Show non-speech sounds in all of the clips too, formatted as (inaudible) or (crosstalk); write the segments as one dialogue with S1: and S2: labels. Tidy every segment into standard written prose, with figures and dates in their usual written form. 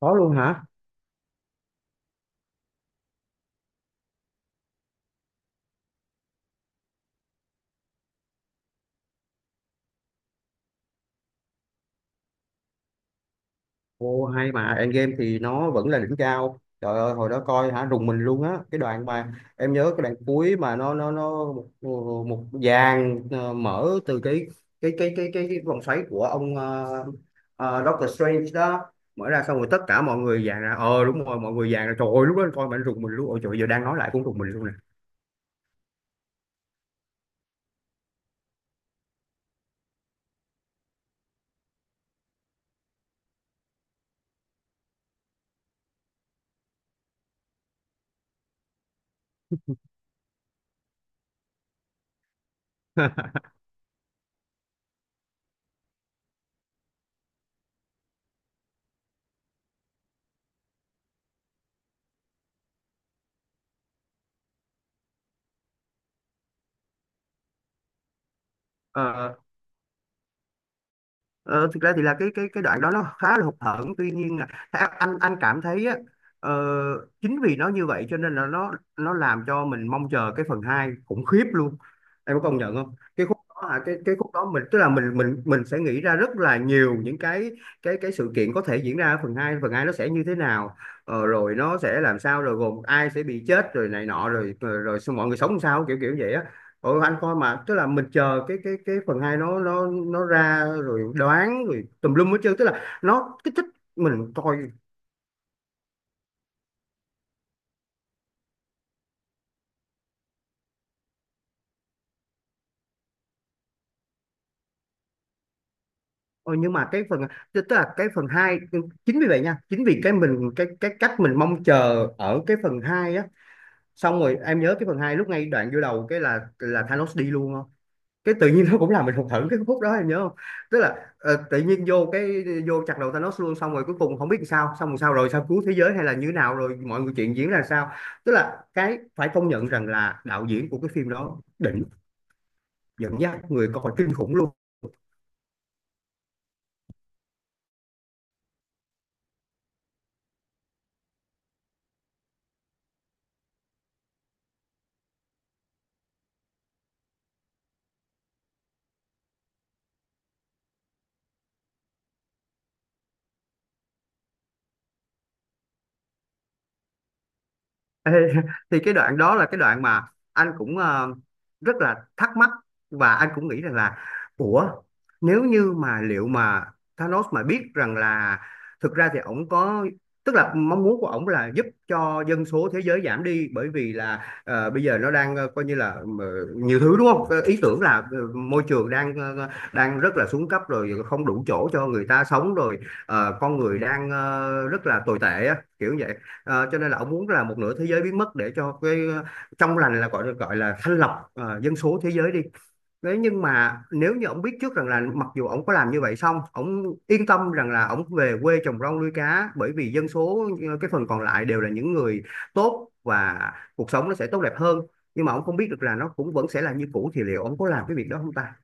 S1: Có luôn hả? Ô hay, mà Endgame thì nó vẫn là đỉnh cao, trời ơi hồi đó coi hả, rùng mình luôn á. Cái đoạn mà em nhớ, cái đoạn cuối mà nó một, một dàn mở từ cái vòng xoáy của ông Doctor Strange đó mở ra, xong rồi tất cả mọi người dàn ra, ờ đúng rồi, mọi người dàn ra, trời ơi lúc đó coi mà anh rùng mình luôn, ôi trời giờ đang nói lại cũng rùng mình luôn nè. (laughs) Ờ, thực ra thì là cái đoạn đó nó khá là hụt hẫng, tuy nhiên là theo anh cảm thấy á, ờ, chính vì nó như vậy cho nên là nó làm cho mình mong chờ cái phần 2 khủng khiếp luôn. Em có công nhận không cái khúc đó hả? Cái khúc đó mình, tức là mình sẽ nghĩ ra rất là nhiều những cái sự kiện có thể diễn ra ở phần hai, phần 2 nó sẽ như thế nào, ờ, rồi nó sẽ làm sao, rồi gồm ai sẽ bị chết, rồi này nọ, rồi rồi, rồi mọi người sống làm sao, kiểu kiểu vậy á. Ừ, anh coi mà tức là mình chờ cái phần hai, nó ra rồi đoán rồi tùm lum hết trơn, tức là nó kích thích mình coi. Ừ, nhưng mà cái phần, tức tức là cái phần hai, chính vì vậy nha, chính vì cái mình, cái cách mình mong chờ ở cái phần hai á. Xong rồi em nhớ cái phần hai lúc ngay đoạn vô đầu cái là Thanos đi luôn, cái tự nhiên nó cũng làm mình hụt hẫng cái phút đó em nhớ không? Tức là ờ, tự nhiên vô cái vô chặt đầu Thanos luôn, xong rồi cuối cùng không biết làm sao, xong rồi sao cứu thế giới hay là như thế nào, rồi mọi người chuyện diễn ra sao. Tức là cái phải công nhận rằng là đạo diễn của cái phim đó đỉnh, dẫn dắt người coi kinh khủng luôn. Ê, thì cái đoạn đó là cái đoạn mà anh cũng rất là thắc mắc, và anh cũng nghĩ rằng là ủa, nếu như mà liệu mà Thanos mà biết rằng là, thực ra thì ổng có, tức là mong muốn của ổng là giúp cho dân số thế giới giảm đi, bởi vì là ờ, bây giờ nó đang coi như là nhiều thứ đúng không. Ờ, ý tưởng là ờ, môi trường đang đang rất là xuống cấp rồi, không đủ chỗ cho người ta sống rồi, ờ, con người đang rất là tồi tệ á, kiểu vậy. Ờ, cho nên là ông muốn là một nửa thế giới biến mất để cho cái ờ, trong lành, là gọi gọi là thanh lọc ờ, dân số thế giới đi. Thế nhưng mà nếu như ông biết trước rằng là mặc dù ông có làm như vậy xong, ông yên tâm rằng là ông về quê trồng rau nuôi cá bởi vì dân số ờ, cái phần còn lại đều là những người tốt, và cuộc sống nó sẽ tốt đẹp hơn. Nhưng mà ông không biết được là nó cũng vẫn sẽ là như cũ, thì liệu ông có làm cái việc đó không ta?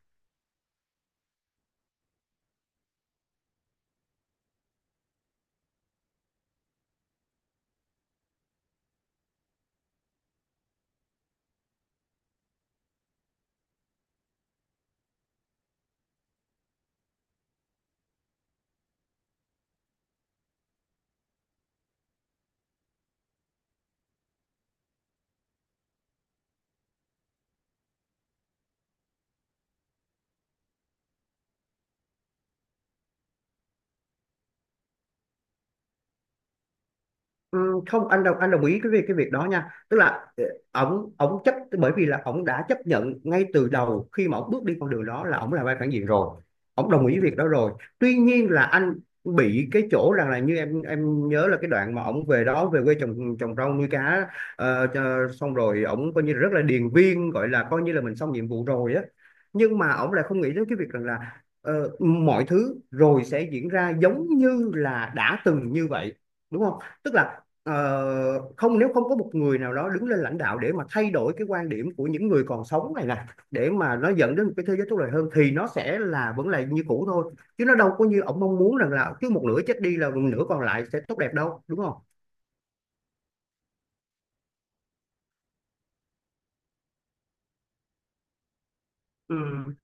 S1: Không, anh đồng ý cái việc đó nha, tức là ờ, ổng ổng chấp, bởi vì là ổng đã chấp nhận ngay từ đầu khi mà ổng bước đi con đường đó là ổng là vai phản diện rồi, ổng đồng ý việc đó rồi. Tuy nhiên là anh bị cái chỗ rằng là như em nhớ là cái đoạn mà ổng về đó, về quê trồng trồng rau nuôi cá, xong rồi ổng coi như là rất là điền viên, gọi là coi như là mình xong nhiệm vụ rồi á. Nhưng mà ổng lại không nghĩ đến cái việc rằng là ờ, mọi thứ rồi sẽ diễn ra giống như là đã từng như vậy, đúng không, tức là ờ, không, nếu không có một người nào đó đứng lên lãnh đạo để mà thay đổi cái quan điểm của những người còn sống này nè, để mà nó dẫn đến một cái thế giới tốt đẹp hơn, thì nó sẽ là vẫn là như cũ thôi, chứ nó đâu có như ông mong muốn rằng là cứ một nửa chết đi là một nửa còn lại sẽ tốt đẹp đâu, đúng không? Ừ,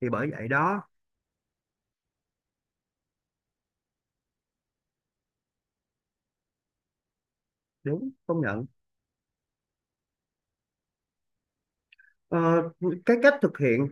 S1: thì bởi vậy đó, đúng công nhận. Ờ, cái cách thực hiện,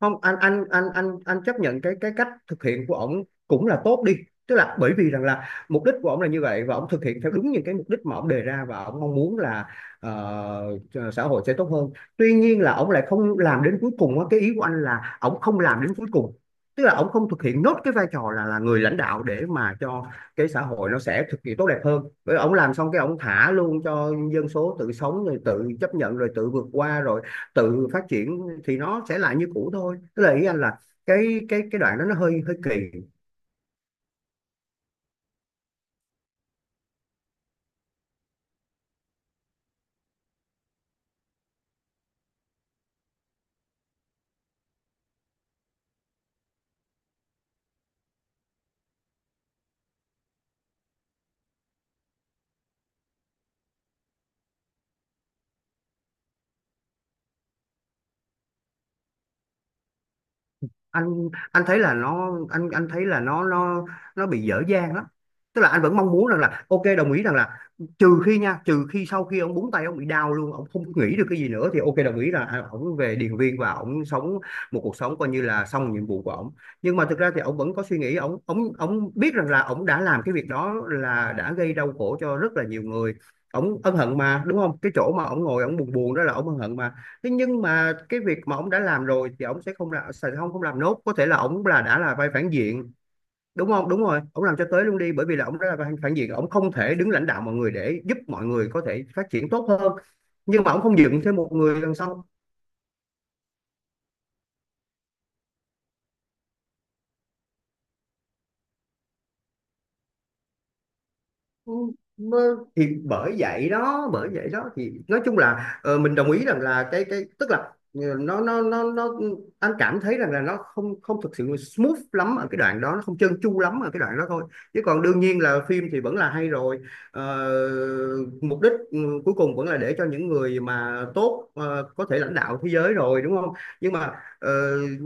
S1: không anh chấp nhận cái cách thực hiện của ổng cũng là tốt đi, tức là bởi vì rằng là mục đích của ổng là như vậy, và ổng thực hiện theo đúng những cái mục đích mà ổng đề ra, và ổng mong muốn là ờ, xã hội sẽ tốt hơn. Tuy nhiên là ổng lại không làm đến cuối cùng á. Cái ý của anh là ổng không làm đến cuối cùng, tức là ổng không thực hiện nốt cái vai trò là người lãnh đạo để mà cho cái xã hội nó sẽ thực hiện tốt đẹp hơn, bởi ổng làm xong cái ổng thả luôn cho dân số tự sống rồi tự chấp nhận rồi tự vượt qua rồi tự phát triển, thì nó sẽ lại như cũ thôi, tức là ý anh là cái đoạn đó nó hơi hơi kỳ. Anh thấy là nó, anh thấy là nó bị dở dang lắm, tức là anh vẫn mong muốn rằng là ok, đồng ý rằng là, trừ khi nha, trừ khi sau khi ông búng tay ông bị đau luôn, ông không nghĩ được cái gì nữa thì ok, đồng ý là à, ông về Điền Viên và ông sống một cuộc sống coi như là xong nhiệm vụ của ông. Nhưng mà thực ra thì ông vẫn có suy nghĩ, ông biết rằng là ông đã làm cái việc đó, là đã gây đau khổ cho rất là nhiều người. Ông ân hận mà, đúng không, cái chỗ mà ông ngồi ông buồn buồn đó là ông ân hận mà. Thế nhưng mà cái việc mà ông đã làm rồi thì ông sẽ không là sẽ không không làm nốt, có thể là ông là đã là vai phản diện, đúng không, đúng rồi, ông làm cho tới luôn đi, bởi vì là ông đã là vai phản diện, ông không thể đứng lãnh đạo mọi người để giúp mọi người có thể phát triển tốt hơn, nhưng mà ông không dựng thêm một người đằng sau. Ừ, mà thì bởi vậy đó, bởi vậy đó, thì nói chung là ờ, mình đồng ý rằng là cái, tức là ờ, nó anh cảm thấy rằng là nó không không thực sự smooth lắm ở cái đoạn đó, nó không trơn tru lắm ở cái đoạn đó thôi, chứ còn đương nhiên là phim thì vẫn là hay rồi. Ờ, mục đích ừ, cuối cùng vẫn là để cho những người mà tốt ờ, có thể lãnh đạo thế giới rồi, đúng không? Nhưng mà ờ,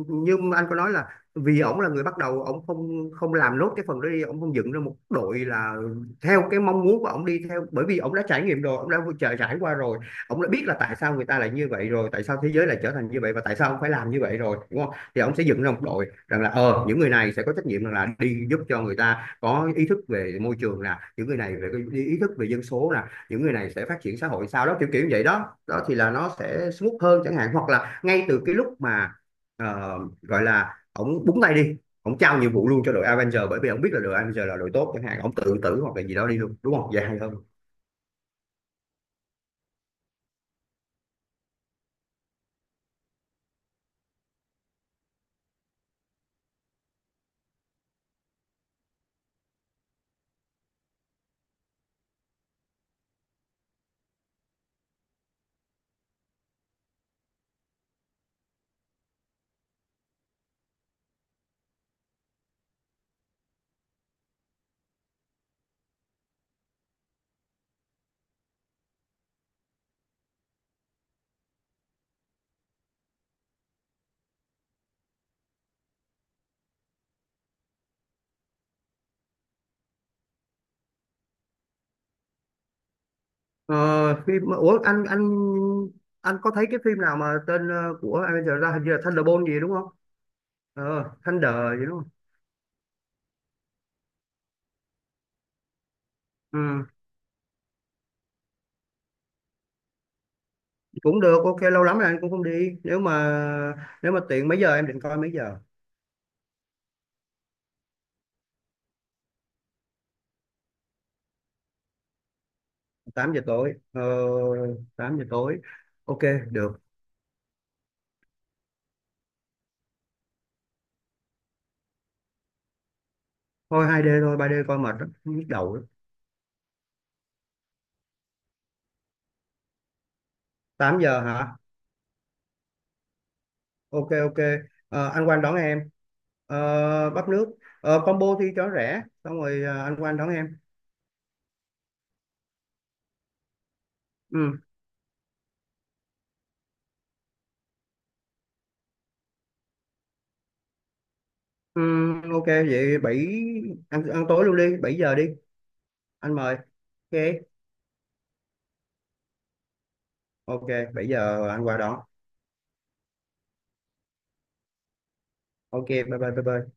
S1: như anh có nói là, vì ổng là người bắt đầu, ổng không không làm nốt cái phần đó đi, ổng không dựng ra một đội là theo cái mong muốn của ông đi theo, bởi vì ông đã trải nghiệm rồi, ông đã trải trải qua rồi, ông đã biết là tại sao người ta lại như vậy rồi, tại sao thế giới lại trở thành như vậy, và tại sao ông phải làm như vậy rồi, đúng không, thì ông sẽ dựng ra một đội rằng là ờ, những người này sẽ có trách nhiệm rằng là đi giúp cho người ta có ý thức về môi trường nè, những người này về cái ý thức về dân số nè, những người này sẽ phát triển xã hội sao đó, kiểu kiểu như vậy đó, đó thì là nó sẽ smooth hơn chẳng hạn. Hoặc là ngay từ cái lúc mà ờ, gọi là ổng búng tay đi, ông trao nhiệm vụ luôn cho đội Avenger, bởi vì ông biết là đội Avenger là đội tốt chẳng hạn, ông tự tử hoặc là gì đó đi luôn, đúng không, dài hơn. Ờ, phim, ủa anh anh có thấy cái phim nào mà tên ờ, của Avenger ra hình như là Thunderbolt gì đúng không, ờ, Thunder gì đúng không. Ừ, cũng được, ok, lâu lắm rồi anh cũng không đi, nếu mà, nếu mà tiện, mấy giờ em định coi, mấy giờ? 8 giờ tối, ờ, 8 giờ tối, ok, được. Thôi 2D thôi, 3D coi mệt lắm, nhức đầu lắm. 8 giờ hả? Ok ok. Ờ, anh Quang đón em. Ờ, bắp nước, ờ, combo thì cho rẻ, xong rồi ờ, anh Quang đón em. Ừ. Ừ, ok, vậy bảy, ăn ăn tối luôn đi, 7 giờ đi, anh mời. Ok ok, 7 giờ anh qua đón. Ok, bye bye bye bye.